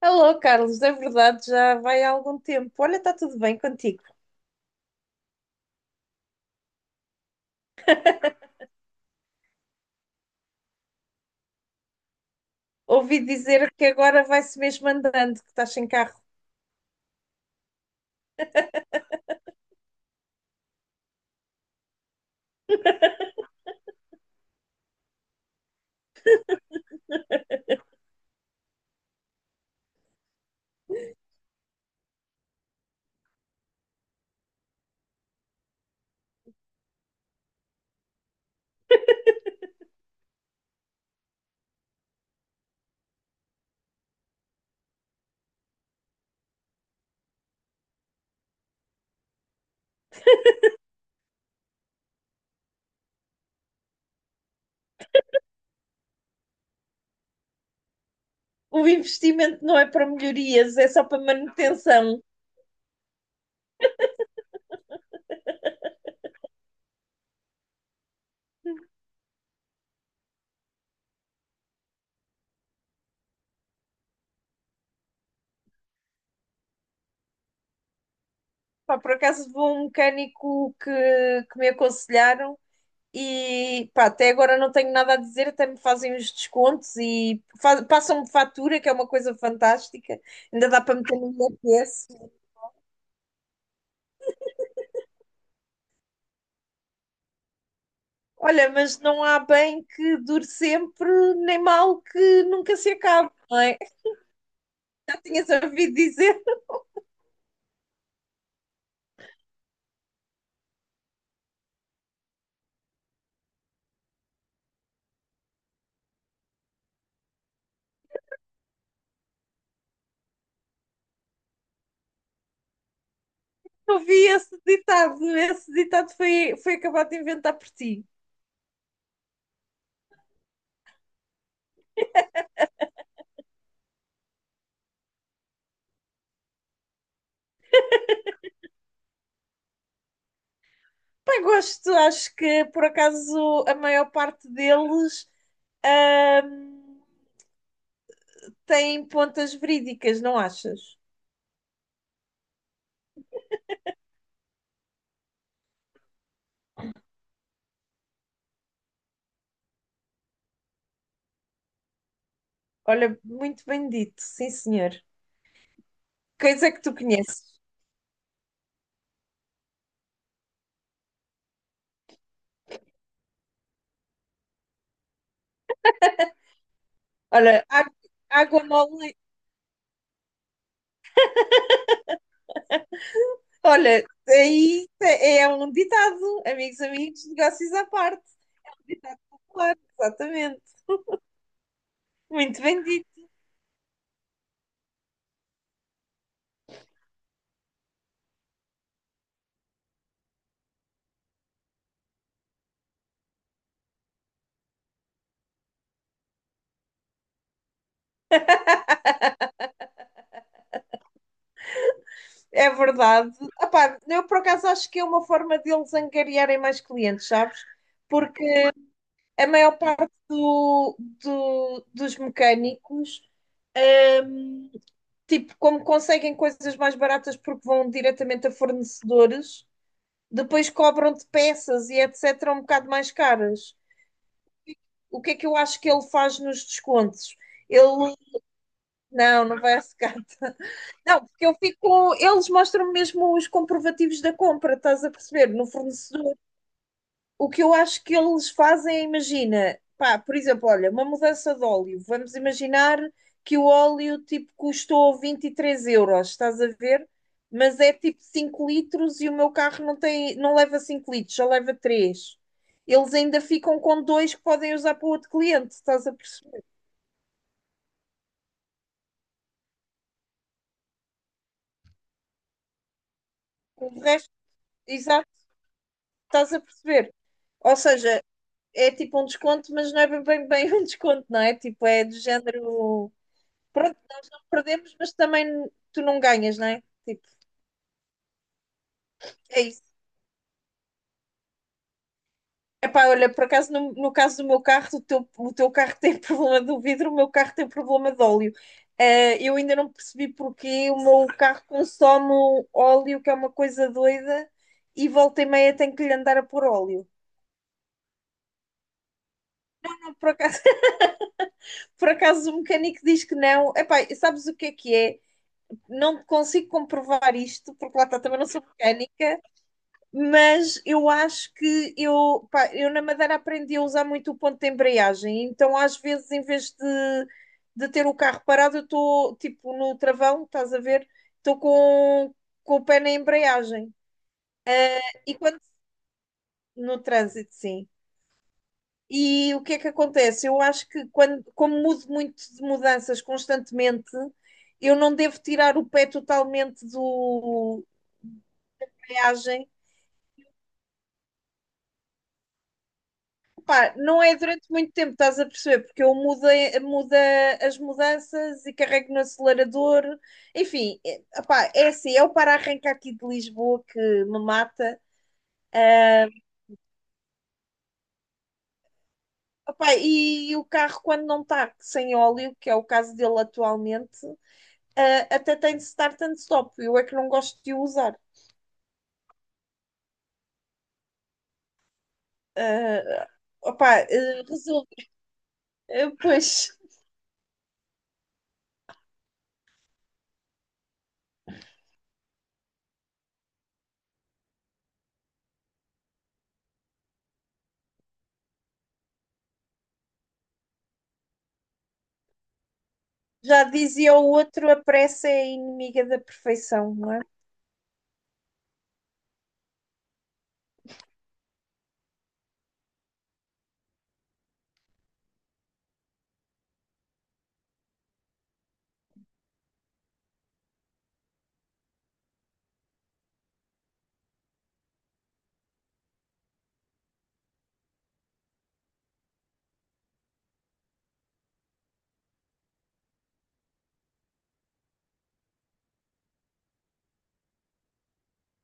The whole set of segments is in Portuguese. Alô, Carlos, é verdade, já vai há algum tempo. Olha, está tudo bem contigo. Ouvi dizer que agora vai-se mesmo andando, que estás sem carro. O investimento não é para melhorias, é só para manutenção. Pá, por acaso vou a um mecânico que me aconselharam e pá, até agora não tenho nada a dizer, até me fazem os descontos e passam-me fatura, que é uma coisa fantástica. Ainda dá para meter no IRS. Olha, mas não há bem que dure sempre, nem mal que nunca se acabe, não é? Eu tinhas ouvido dizer, ouvi esse ditado, esse ditado foi acabado de inventar por ti. Bem, gosto, acho que por acaso a maior parte deles ahm, tem pontas verídicas, não achas? Olha, muito bem dito, sim senhor. Coisa que tu conheces. Olha, água mole. Olha, aí é um ditado, amigos, amigos, negócios à parte. Ditado, claro, exatamente. Muito bem dito. É verdade. Epá, eu por acaso acho que é uma forma deles angariarem mais clientes, sabes? Porque a maior parte dos mecânicos, tipo, como conseguem coisas mais baratas porque vão diretamente a fornecedores, depois cobram-te peças e etc. um bocado mais caras. O que é que eu acho que ele faz nos descontos? Ele Não, não vai secar. Não, porque eu fico. Eles mostram mesmo os comprovativos da compra, estás a perceber? No fornecedor. O que eu acho que eles fazem, é, imagina, pá, por exemplo, olha, uma mudança de óleo. Vamos imaginar que o óleo tipo custou 23 euros, estás a ver? Mas é tipo 5 litros e o meu carro não leva 5 litros, só leva 3. Eles ainda ficam com dois que podem usar para o outro cliente, estás a perceber? O resto, exato, estás a perceber? Ou seja, é tipo um desconto, mas não é bem um desconto, não é? Tipo, é do género. Pronto, não perdemos, mas também tu não ganhas, não é? Tipo, é isso. Epá, olha, por acaso, no caso do meu carro, o teu carro tem problema do vidro, o meu carro tem problema de óleo. Eu ainda não percebi porque o meu carro consome óleo, que é uma coisa doida, e volta e meia tenho que lhe andar a pôr óleo. Por acaso, por acaso o mecânico diz que não. Epá, sabes o que é que é? Não consigo comprovar isto, porque lá está, também não sou mecânica, mas eu acho que eu, pá, eu na Madeira aprendi a usar muito o ponto de embreagem, então às vezes em vez de ter o carro parado, eu estou tipo no travão, estás a ver? Estou com o pé na embreagem. E quando no trânsito, sim. E o que é que acontece? Eu acho que como mudo muito de mudanças constantemente, eu não devo tirar o pé totalmente do da embreagem. Pá, não é durante muito tempo, estás a perceber? Porque eu muda as mudanças e carrego no acelerador. Enfim, opá, é assim, é o para-arranca aqui de Lisboa que me mata. Ah, Opá, e o carro, quando não está sem óleo, que é o caso dele atualmente, até tem de start and stop. Eu é que não gosto de o usar. Ah, Opá, resulta. Pois, já dizia o outro, a pressa é inimiga da perfeição, não é?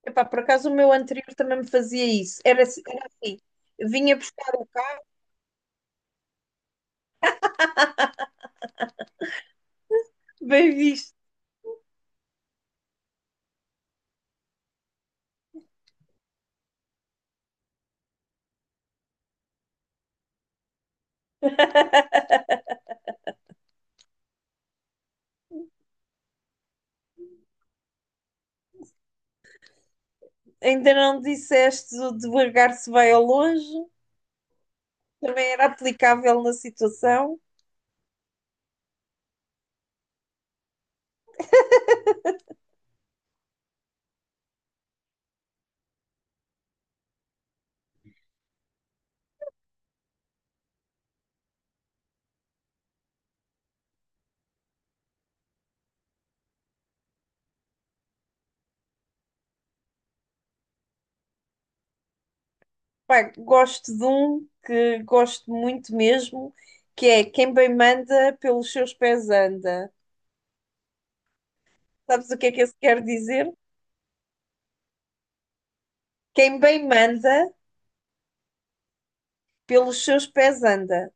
Epá, por acaso o meu anterior também me fazia isso. Era assim, era assim. Vinha buscar o carro, bem visto. Ainda não disseste o devagar se vai ao longe, também era aplicável na situação. Pá, gosto de um que gosto muito mesmo, que é quem bem manda pelos seus pés anda. Sabes o que é que isso quer dizer? Quem bem manda pelos seus pés anda.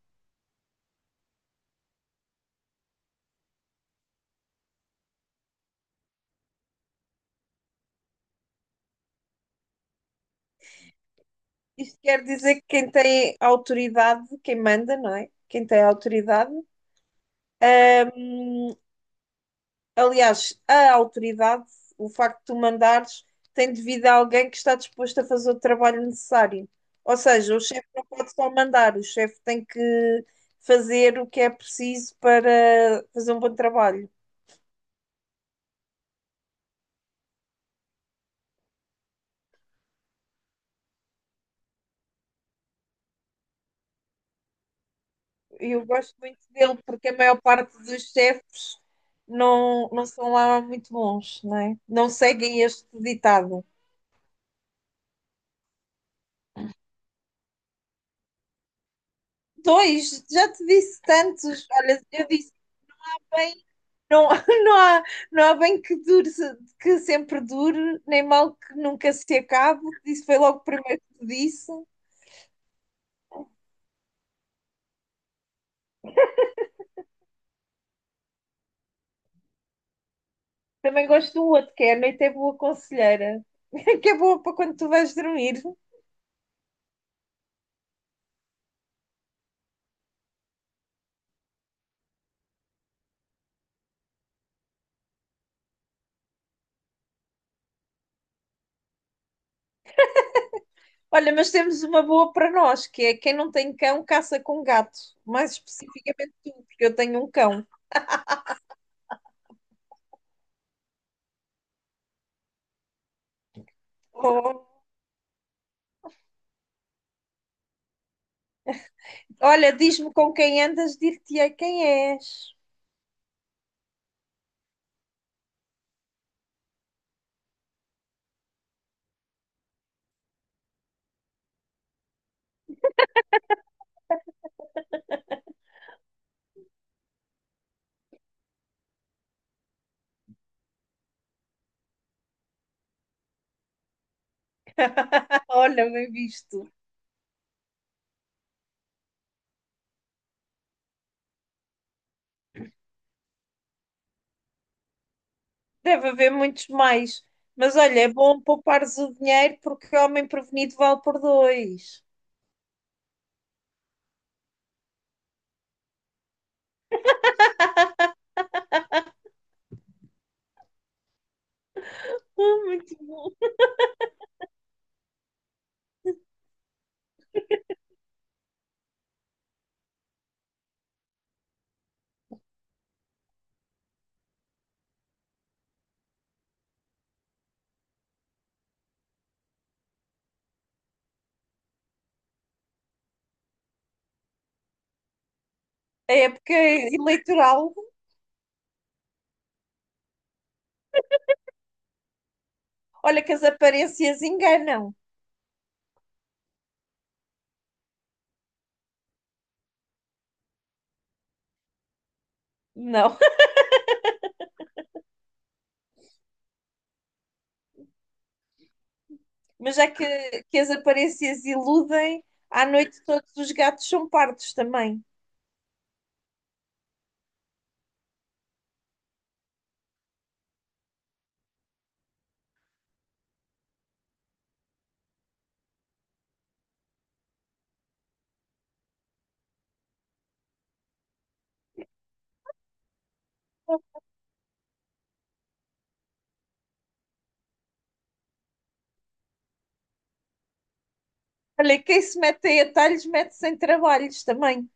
Isto quer dizer que quem tem autoridade, quem manda, não é? Quem tem autoridade, ah, aliás, a autoridade, o facto de tu mandares, tem devido a alguém que está disposto a fazer o trabalho necessário. Ou seja, o chefe não pode só mandar, o chefe tem que fazer o que é preciso para fazer um bom trabalho. Eu gosto muito dele porque a maior parte dos chefes não são lá muito bons, não é? Não seguem este ditado. Dois, já te disse tantos. Olha, eu disse bem. Não, não há, não há bem que dure, que sempre dure, nem mal que nunca se acabe. Isso foi logo o primeiro que te disse. Também gosto do outro, que é a noite é boa conselheira, que é boa para quando tu vais dormir. Olha, mas temos uma boa para nós, que é quem não tem cão, caça com gato. Mais especificamente tu, porque eu tenho um cão. Oh, olha, diz-me com quem andas, dir-te-ei quem és. Olha, bem visto. Deve haver muitos mais. Mas olha, é bom poupares o dinheiro porque homem prevenido vale por dois. Muito bom. A época eleitoral, olha que as aparências enganam. Não. Mas já que as aparências iludem, à noite todos os gatos são pardos também. Olha, quem se mete aí a talhos mete-se em trabalhos também,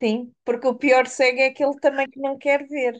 sim, porque o pior cego é aquele também que não quer ver.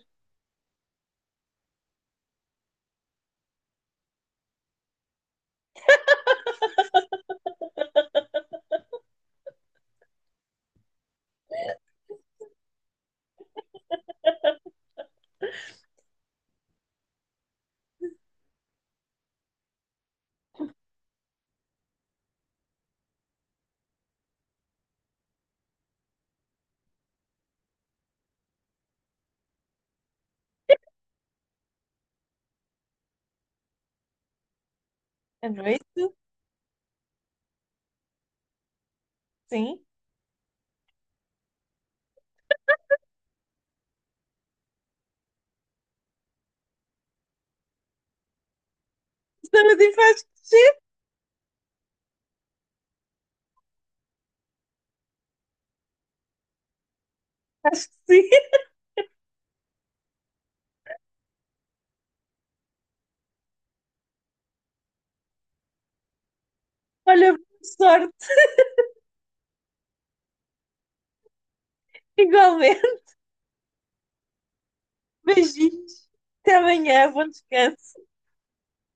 A noite, sim. Saúde e faz crescer, acho que sim. Olha, boa sorte, igualmente. Beijinhos. Até amanhã. Bom descanso.